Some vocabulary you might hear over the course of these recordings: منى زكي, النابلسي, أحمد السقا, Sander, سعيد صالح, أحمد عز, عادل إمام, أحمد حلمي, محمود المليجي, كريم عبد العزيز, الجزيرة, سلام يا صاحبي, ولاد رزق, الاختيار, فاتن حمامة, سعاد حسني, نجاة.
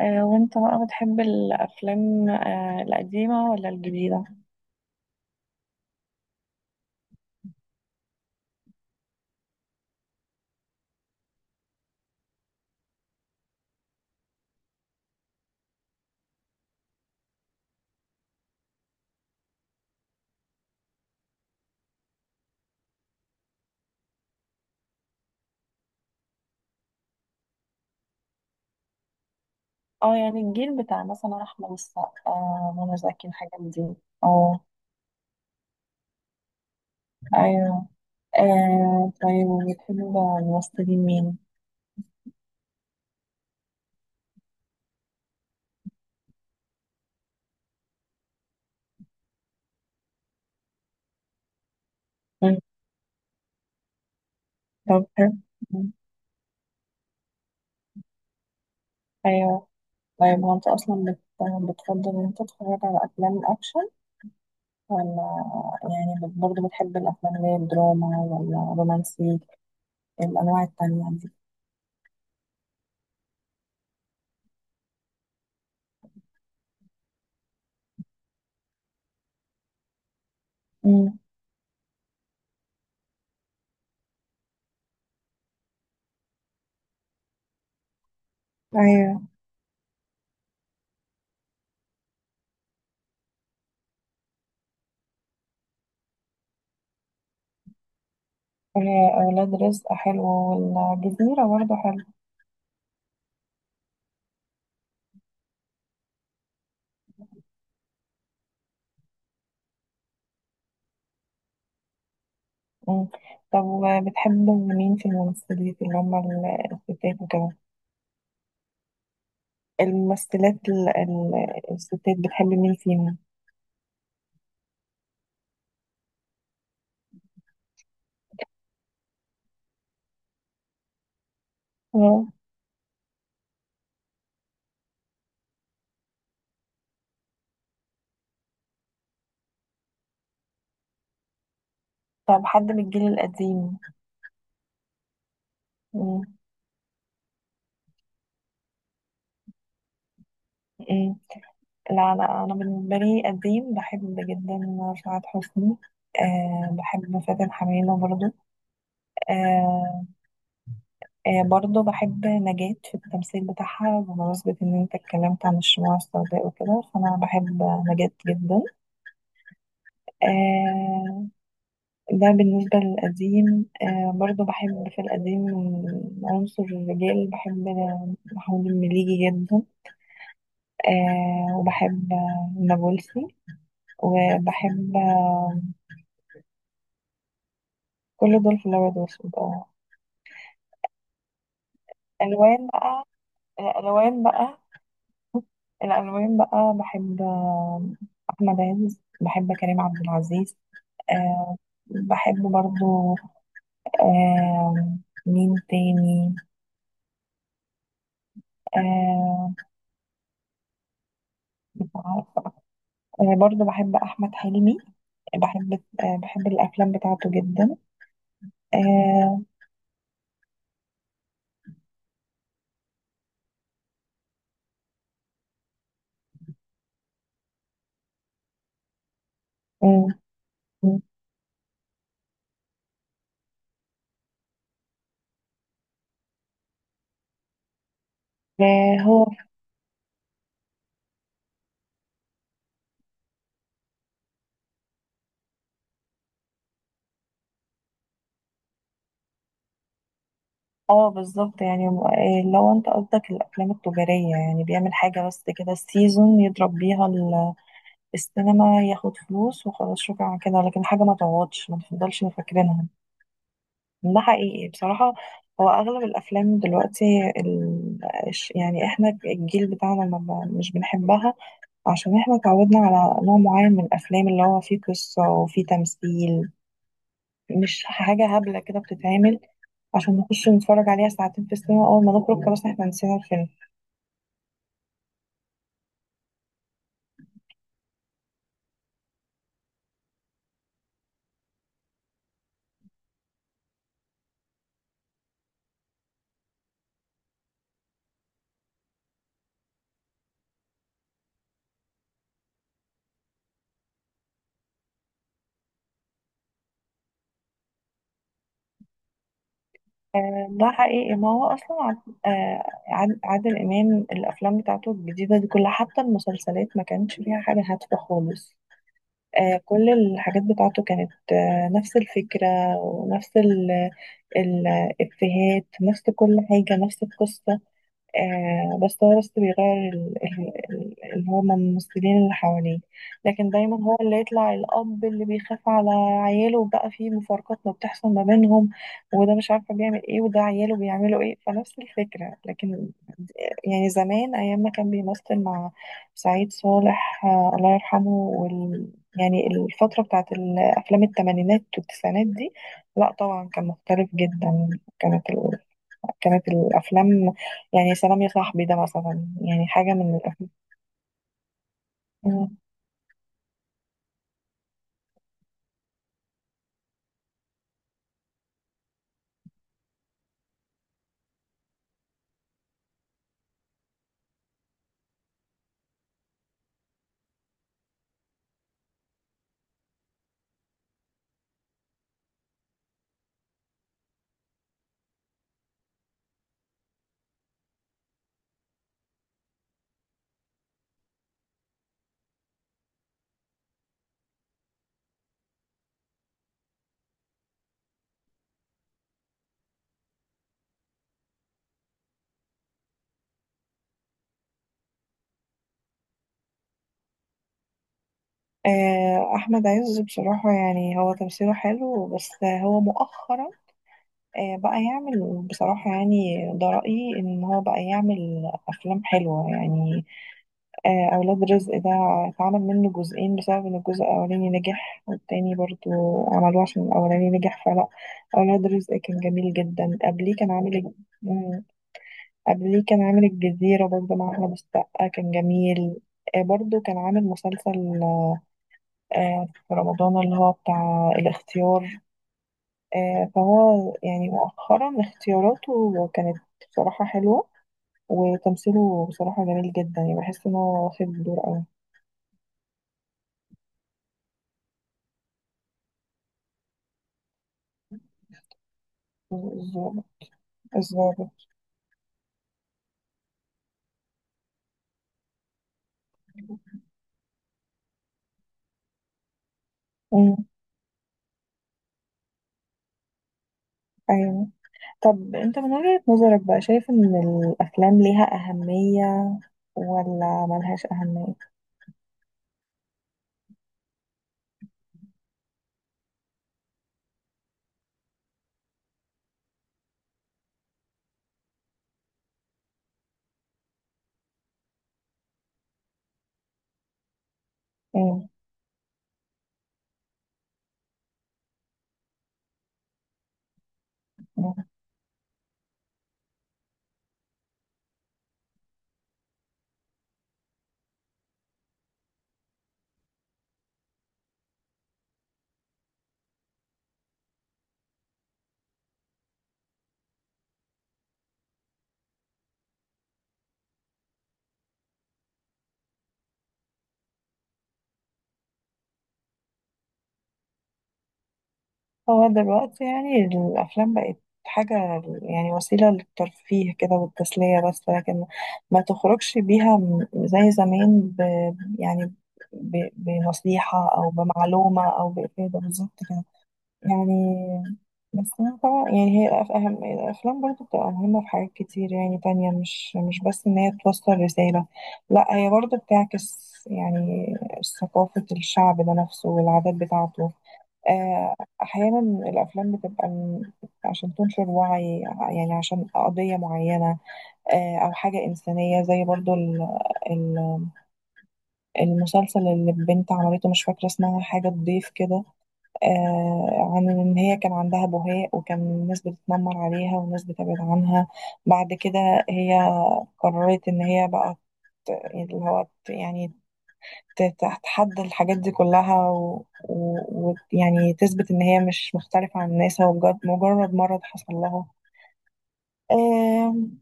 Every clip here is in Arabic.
وانت بقى بتحب الافلام، القديمه ولا الجديده؟ اه، يعني الجيل بتاع مثلا احمد السقا، منى زكي الحاجات دي. اه ايوه. آه طيب، وبتحب الممثلين مين؟ مم. طب حلو. مم. ايوه. طيب هو انت اصلا بتفضل ان انت تتفرج على افلام الاكشن ولا يعني برضه بتحب الافلام اللي هي الدراما ولا رومانسي الانواع التانية دي؟ مم. ايوه. آه، ولاد رزق حلو، والجزيرة برضه حلو. مم. طب بتحب مين في الممثلات اللي هم الستات وكده؟ الممثلات الستات بتحب مين فيهم؟ مم. طب حد من الجيل القديم؟ مم. مم. لا أنا، بالنسبة لي قديم بحب جدا سعاد حسني. أه بحب فاتن حمامة برضه. آه، آه برضه بحب نجاة في التمثيل بتاعها، بمناسبة إن أنت اتكلمت عن الشموع السوداء وكده فأنا بحب نجاة جدا. آه، ده بالنسبة للقديم. آه برضه بحب في القديم عنصر الرجال، بحب محمود المليجي جدا. آه وبحب النابلسي، وبحب كل دول في الأبيض والأسود اه. ألوان بقى، الألوان بقى، الألوان بقى بحب، أحمد عز، بحب كريم عبد العزيز. آه بحب برضو. آه مين تاني؟ آه مش عارفة. آه برضو بحب أحمد حلمي، بحب، آه بحب الأفلام بتاعته جدا. آه م- م- هو اه بالظبط. يعني لو انت قصدك الافلام التجاريه، يعني بيعمل حاجه بس كده السيزون يضرب بيها السينما، ياخد فلوس وخلاص شكرا على كده، لكن حاجه ما تقعدش ما تفضلش فاكرينها. ده حقيقي بصراحة. هو أغلب الأفلام دلوقتي، ال... يعني إحنا الجيل بتاعنا ما ب- مش بنحبها، عشان إحنا اتعودنا على نوع معين من الأفلام اللي هو فيه قصة وفيه تمثيل، مش حاجة هبلة كده بتتعمل عشان نخش نتفرج عليها ساعتين في السينما، أول ما نخرج خلاص إحنا نسينا الفيلم. ده حقيقي. ما هو أصلا عادل إمام الأفلام بتاعته الجديدة دي كلها، حتى المسلسلات ما كانش فيها حاجة هادفة خالص. آه، كل الحاجات بتاعته كانت نفس الفكرة ونفس الإفيهات، نفس كل حاجة، نفس القصة. آه بس هو بس بيغير ال- ال- ال- اللي هو من الممثلين اللي حواليه، لكن دايما هو اللي يطلع الأب اللي بيخاف على عياله، وبقى في مفارقات ما بتحصل ما بينهم، وده مش عارفة بيعمل ايه وده عياله بيعملوا ايه، فنفس الفكرة. لكن يعني زمان أيام ما كان بيمثل مع سعيد صالح، آه الله يرحمه، وال يعني الفترة بتاعت الأفلام التمانينات والتسعينات دي، لا طبعا كان مختلف جدا. كانت كانت الافلام، يعني سلام يا صاحبي ده مثلا يعني حاجه من الافلام. آه، احمد عز بصراحه يعني هو تمثيله حلو، بس هو مؤخرا بقى يعمل بصراحه، يعني ده رايي ان هو بقى يعمل افلام حلوه يعني. آه، اولاد رزق ده اتعمل منه جزئين بسبب ان الجزء الاولاني نجح، والتاني برضو عملوه عشان الاولاني نجح. فلا اولاد رزق كان جميل جدا. قبليه كان عامل إيه؟ قبليه كان عامل الجزيرة برضه مع أحمد السقا، كان جميل. آه، برضه كان عامل مسلسل، آه، في رمضان اللي هو بتاع الاختيار. آه، فهو يعني مؤخرا اختياراته كانت بصراحة حلوة، وتمثيله بصراحة جميل جدا، يعني بحس إن هو واخد دور أوي. الظابط، الظابط. أمم، أيوه. طب أنت من وجهة نظرك بقى شايف إن الأفلام ليها أهمية ولا ملهاش أهمية؟ أمم. هو دلوقتي يعني الأفلام بقت حاجة، يعني وسيلة للترفيه كده والتسلية بس، لكن ما تخرجش بيها زي زمان يعني ب بنصيحة أو بمعلومة أو بإفادة بالظبط كده يعني. بس أنا طبعا يعني هي أهم الأفلام برضو بتبقى مهمة في حاجات كتير يعني تانية، مش بس إن هي توصل رسالة، لا هي برضو بتعكس يعني ثقافة الشعب ده نفسه والعادات بتاعته. آه، أحيانا الأفلام بتبقى عشان تنشر وعي، يعني عشان قضية معينة، أو حاجة إنسانية زي برضو ال- المسلسل اللي البنت عملته مش فاكرة اسمها، حاجة تضيف كده. آه، عن إن هي كان عندها بهاء وكان الناس بتتنمر عليها والناس بتبعد عنها، بعد كده هي قررت إن هي بقى ت- اللي هو ت- يعني ت- تتحدى الحاجات دي كلها يعني تثبت ان هي مش مختلفة عن الناس، هو بجد مجرد مرض حصل لها. آم،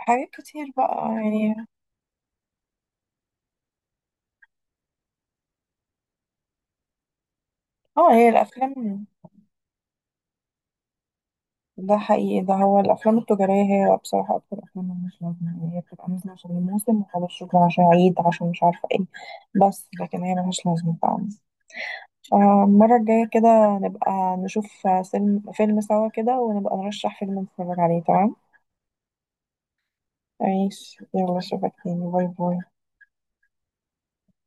حاجات كتير بقى يعني. اه هي الافلام، ده حقيقي. ده هو الافلام التجارية هي بصراحة اكتر افلام مش لازمة، يعني هي بتبقى نازلة عشان الموسم وخلاص شكرا، عشان عيد، عشان مش عارفة ايه، بس لكن هي ملهاش لازمة فعلا. آه، المرة الجاية كده نبقى نشوف فيلم سوا كده، ونبقى نرشح فيلم نتفرج عليه. تمام. عيش يلا، اشوفك تاني، باي باي.